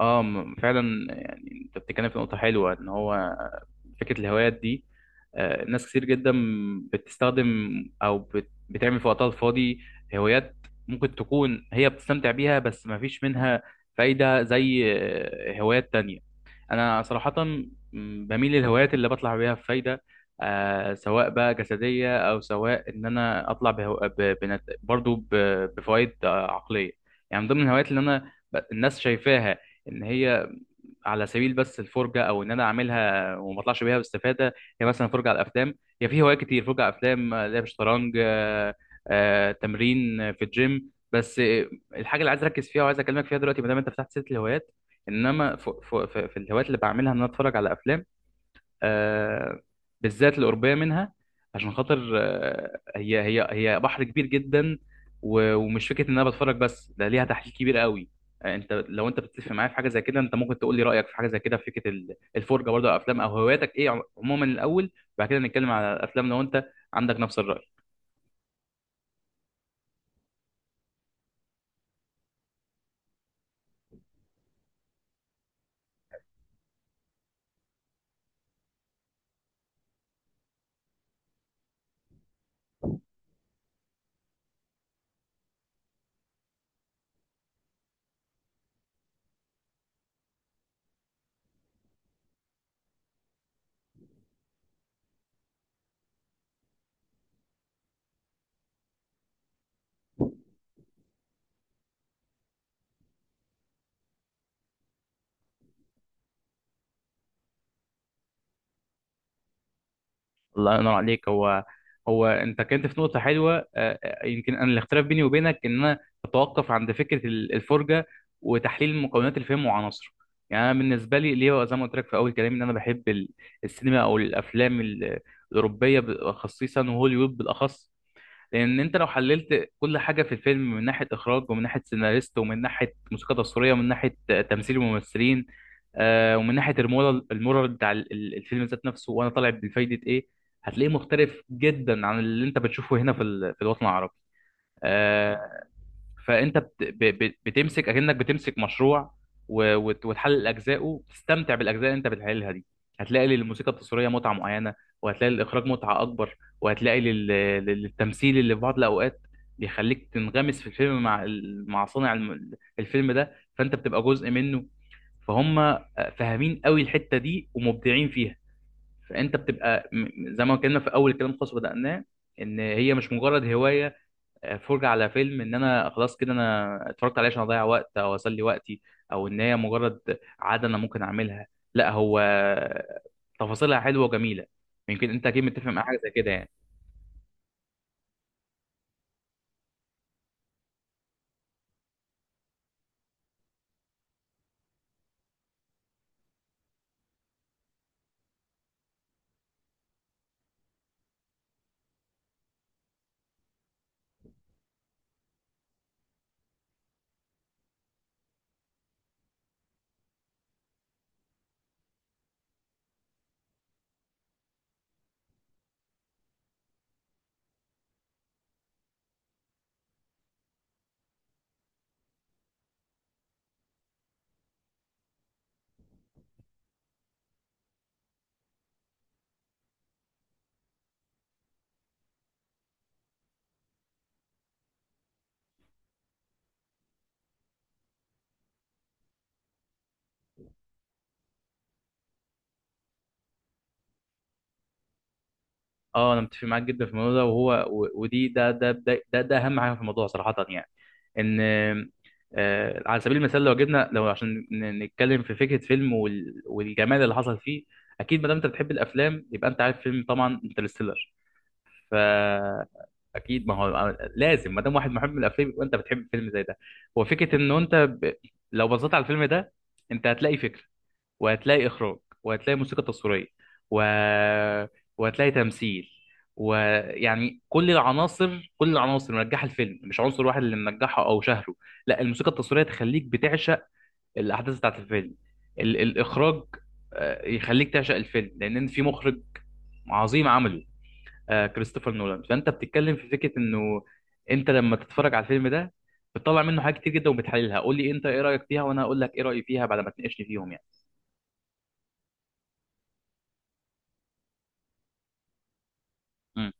اه فعلا يعني انت بتتكلم في نقطة حلوة ان هو فكرة الهوايات دي. ناس كتير جدا بتستخدم او بتعمل في وقتها الفاضي هوايات، ممكن تكون هي بتستمتع بيها بس ما فيش منها فايدة زي هوايات تانية. انا صراحه بميل للهوايات اللي بطلع بيها بفايده، آه سواء بقى جسديه او سواء ان انا اطلع بهو... ب... بنت... برضو ب... بفوائد عقليه. يعني من ضمن الهوايات اللي الناس شايفاها ان هي على سبيل بس الفرجه، او ان انا اعملها وما اطلعش بيها باستفاده، هي مثلا فرجه على الافلام. هي في هوايات كتير، فرجه على افلام، لعب شطرنج، تمرين في الجيم. بس الحاجه اللي عايز اركز فيها وعايز اكلمك فيها دلوقتي، ما دام انت فتحت سيره الهوايات، انما في الهوايات اللي بعملها ان انا اتفرج على افلام، آه، بالذات القربية منها، عشان خاطر هي بحر كبير جدا، ومش فكرة ان انا بتفرج بس، ده ليها تحليل كبير قوي. انت لو انت بتتفق معايا في حاجة زي كده، انت ممكن تقول لي رأيك في حاجة زي كده في فكرة الفرجة برضه على الافلام، او هواياتك ايه عموما الاول، وبعد كده نتكلم على الافلام لو انت عندك نفس الرأي. الله ينور عليك. هو هو انت كنت في نقطه حلوه، يمكن انا الاختلاف بيني وبينك ان انا بتوقف عند فكره الفرجه وتحليل مكونات الفيلم وعناصره. يعني انا بالنسبه لي، ليه زي ما قلت لك في اول كلامي، ان انا بحب السينما او الافلام الاوروبيه خصيصا وهوليوود بالاخص. لان انت لو حللت كل حاجه في الفيلم، من ناحيه اخراج ومن ناحيه سيناريست ومن ناحيه موسيقى تصويريه ومن ناحيه تمثيل الممثلين، آه ومن ناحيه المورال، المورال بتاع الفيلم ذات نفسه، وانا طالع بفايده ايه، هتلاقيه مختلف جدا عن اللي انت بتشوفه هنا في في الوطن العربي. آه. فانت بتمسك اكنك بتمسك مشروع، وتحلل اجزائه، تستمتع بالاجزاء اللي انت بتحللها دي. هتلاقي للموسيقى التصويريه متعه معينه، وهتلاقي للاخراج متعه اكبر، وهتلاقي للتمثيل اللي في بعض الاوقات بيخليك تنغمس في الفيلم مع مع صانع الفيلم ده، فانت بتبقى جزء منه. فهم فاهمين قوي الحته دي ومبدعين فيها. فانت بتبقى زي ما اتكلمنا في اول كلام خاص بدأناه، ان هي مش مجرد هوايه فرجة على فيلم، ان انا خلاص كده انا اتفرجت عليه عشان اضيع وقت او اسلي وقتي، او ان هي مجرد عادة انا ممكن اعملها. لا، هو تفاصيلها حلوة وجميلة. يمكن انت اكيد متفق مع حاجة زي كده يعني. اه، انا متفق معاك جدا في الموضوع ده، وهو و- ودي ده ده ده ده, ده اهم حاجة في الموضوع صراحة يعني. ان على سبيل المثال، لو جبنا، لو عشان نتكلم في فكرة فيلم والجمال اللي حصل فيه، اكيد ما دام انت بتحب الافلام يبقى انت عارف فيلم طبعا انترستيلر. فاكيد ما هو لازم ما دام واحد محب للافلام يبقى انت بتحب فيلم زي ده. هو فكره ان لو بصيت على الفيلم ده، انت هتلاقي فكره، وهتلاقي اخراج، وهتلاقي موسيقى تصويريه، و... وهتلاقي تمثيل، ويعني كل العناصر، كل العناصر منجحه الفيلم، مش عنصر واحد اللي منجحه او شهره. لا، الموسيقى التصويريه تخليك بتعشق الاحداث بتاعت الفيلم، الاخراج يخليك تعشق الفيلم لان في مخرج عظيم عمله، آه كريستوفر نولان. فانت بتتكلم في فكره انه انت لما تتفرج على الفيلم ده، بتطلع منه حاجات كتير جدا وبتحللها. قول لي انت ايه رايك فيها، وانا هقول لك ايه رايي فيها بعد ما تناقشني فيهم يعني. مم.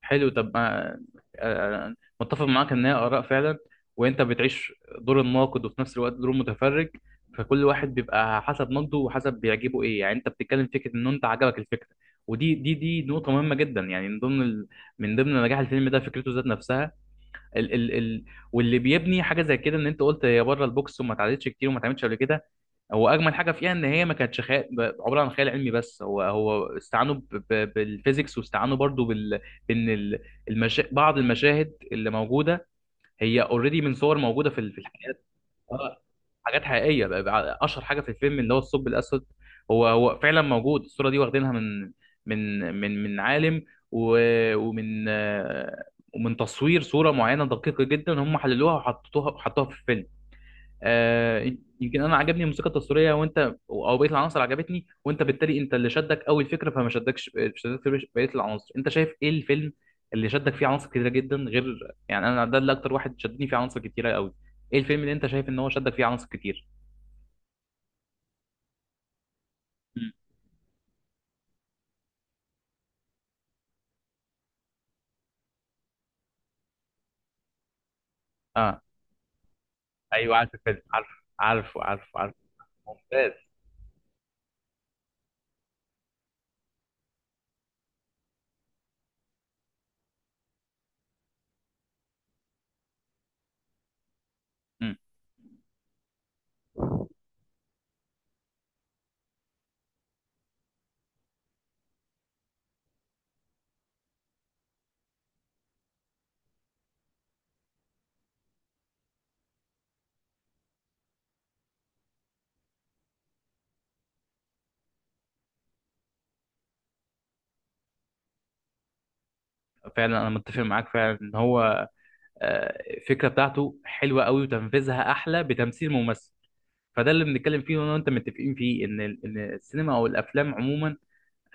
حلو. طب ما آه، آه، متفق معاك ان هي اراء فعلا، وانت بتعيش دور الناقد وفي نفس الوقت دور المتفرج. فكل واحد بيبقى حسب نقده وحسب بيعجبه ايه. يعني انت بتتكلم في فكره ان انت عجبك الفكره، ودي دي دي نقطه مهمه جدا. يعني من ضمن من ضمن نجاح الفيلم ده فكرته ذات نفسها، ال ال ال واللي بيبني حاجه زي كده، ان انت قلت هي بره البوكس وما اتعدتش كتير وما اتعملش قبل كده. هو اجمل حاجه فيها ان هي ما كانتش خيال، عباره عن خيال علمي، بس هو هو استعانوا بالفيزيكس، واستعانوا برضو بال بان ال- المشا... بعض المشاهد اللي موجوده هي اوريدي من صور موجوده في في الحقيقه. آه، حاجات حقيقيه. بقى بقى اشهر حاجه في الفيلم اللي هو الثقب الاسود، هو هو فعلا موجود الصوره دي، واخدينها من من عالم، ومن ومن تصوير صوره معينه دقيقه جدا، هم حللوها وحطوها في الفيلم. آه. يمكن انا عجبني الموسيقى التصويريه، وانت او بقيه العناصر عجبتني، وانت بالتالي انت اللي شدك اول فكره فما شدكش بقيه العناصر. انت شايف ايه الفيلم اللي شدك فيه عناصر كتيره جدا؟ غير يعني انا ده اللي اكتر واحد شدني فيه عناصر كتيره قوي. ايه الفيلم اللي انت شايف ان هو شدك فيه عناصر كتير؟ مم. اه، ايوه عارف الفيلم، عارف. ممتاز. مم. فعلا انا متفق معاك فعلا ان هو الفكره بتاعته حلوه قوي وتنفيذها احلى بتمثيل ممثل. فده اللي بنتكلم فيه، وانا وانت متفقين فيه ان ان السينما او الافلام عموما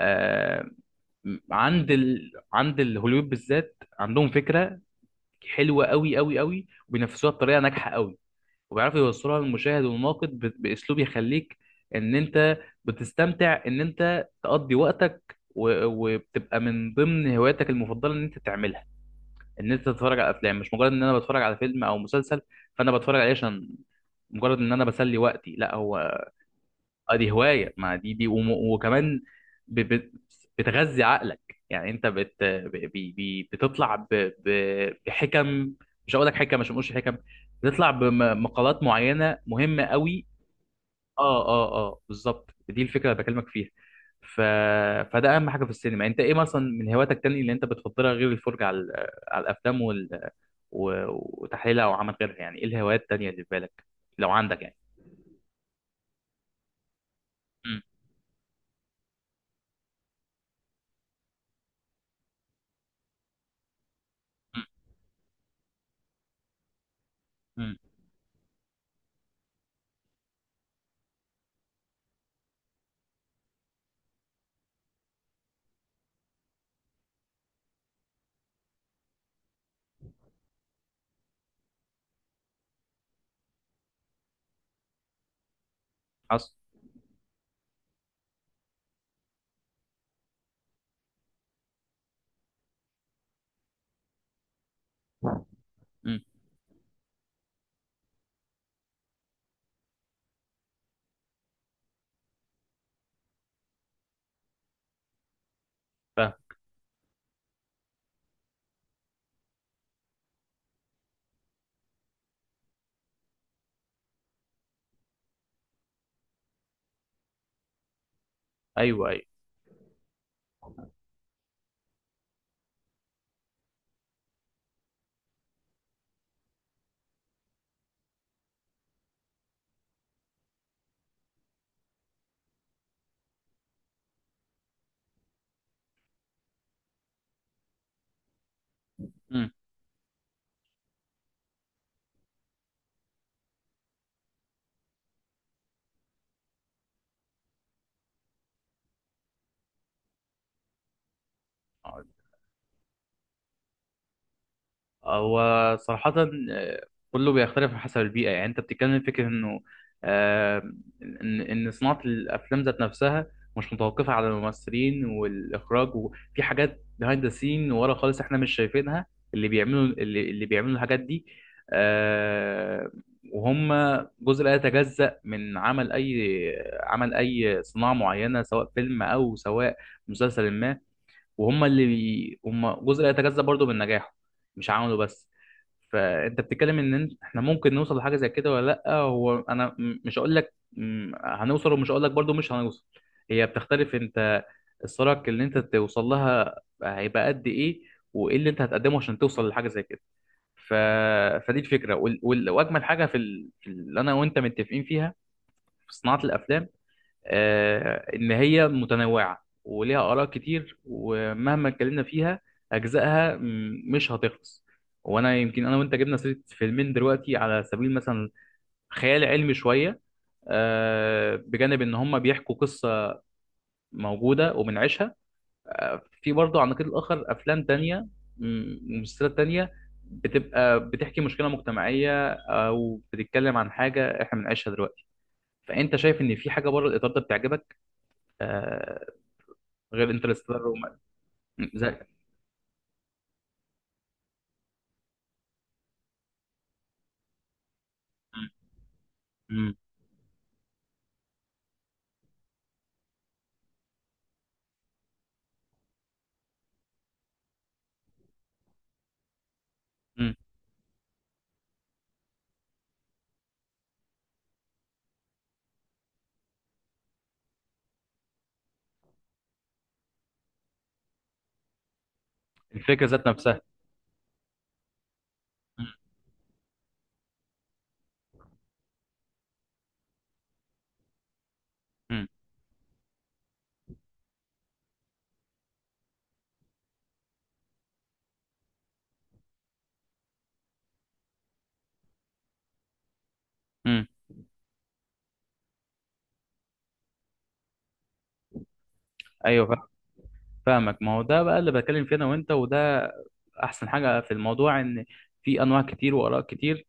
آه، عند عند الهوليوود بالذات، عندهم فكره حلوه قوي قوي قوي، وبينفذوها بطريقه ناجحه قوي، وبيعرفوا يوصلوها للمشاهد والناقد باسلوب يخليك ان انت بتستمتع ان انت تقضي وقتك، وبتبقى من ضمن هواياتك المفضله ان انت تعملها، ان انت تتفرج على افلام. مش مجرد ان انا بتفرج على فيلم او مسلسل فانا بتفرج عليه عشان مجرد ان انا بسلي وقتي. لا، هو اه دي هوايه. ما دي وكمان ب- ب- بتغذي عقلك. يعني انت بت ب- بي- بي- بتطلع بحكم، مش هقول لك حكم عشان ما اقولش حكم، بتطلع بمقالات معينه مهمه قوي. اه اه اه، بالظبط دي الفكره اللي بكلمك فيها. ف... فده اهم حاجه في السينما. انت ايه مثلا من هواياتك تاني اللي انت بتفضلها، غير الفرجه على على الافلام و... وتحليلها او عمل غيرها؟ يعني ايه الهوايات التانيه اللي في بالك لو عندك يعني؟ امم. امم. امم. حصل. مم. ايوه ايوه. امم. هو صراحة كله بيختلف حسب البيئة. يعني انت بتتكلم في فكرة انه آه، ان إن صناعة الافلام ذات نفسها مش متوقفة على الممثلين والاخراج، وفي حاجات behind the scene ورا خالص احنا مش شايفينها، اللي بيعملوا اللي بيعملوا الحاجات دي، آه، وهم جزء لا يتجزأ من عمل اي عمل، اي صناعة معينة، سواء فيلم او سواء مسلسل ما. وهم اللي هم جزء لا يتجزأ برضه من نجاحه، مش عمله بس. فانت بتتكلم ان احنا ممكن نوصل لحاجه زي كده ولا لا. هو انا مش هقول لك هنوصل، ومش هقول لك برضو مش هنوصل. هي بتختلف. انت السرعه اللي انت توصل لها هيبقى قد ايه، وايه اللي انت هتقدمه عشان توصل لحاجه زي كده. ف... فدي الفكره، واجمل حاجه في اللي انا وانت متفقين فيها في صناعه الافلام، ان هي متنوعه وليها اراء كتير، ومهما اتكلمنا فيها اجزائها مش هتخلص. وانا يمكن انا وانت جبنا سيره فيلمين دلوقتي على سبيل مثلا خيال علمي شويه، بجانب ان هم بيحكوا قصه موجوده وبنعيشها. في برضه على النقيض الاخر افلام تانية ومسلسلات تانية، بتبقى بتحكي مشكله مجتمعيه او بتتكلم عن حاجه احنا بنعيشها دلوقتي. فانت شايف ان في حاجه بره الاطار ده بتعجبك، آه، غير انترستيلر مم. زي... مم. مم. مم. الفكره ذات نفسها. مم. مم. مم. ايوه فاهمك. ما هو ده بقى اللي بتكلم فيه انا وانت، وده احسن حاجه في الموضوع، ان في انواع كتير واراء كتير.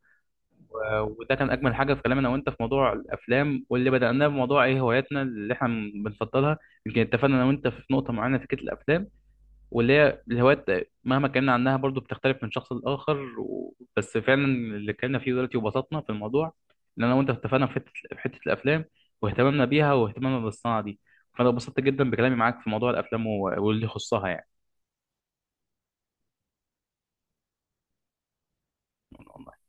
وده كان اجمل حاجه في كلامنا وانت في موضوع الافلام، واللي بدأناه بموضوع ايه هواياتنا اللي احنا بنفضلها. يمكن اتفقنا انا وانت في نقطه معينه في فكره الافلام واللي هي الهوايات، مهما اتكلمنا عنها برضو بتختلف من شخص لآخر، بس فعلا اللي اتكلمنا فيه دلوقتي وبسطنا في الموضوع، ان انا وانت اتفقنا في حته، في حته الافلام واهتمامنا بيها واهتمامنا بالصناعه دي. فانا اتبسطت جدا بكلامي معاك في موضوع الافلام واللي يخصها يعني.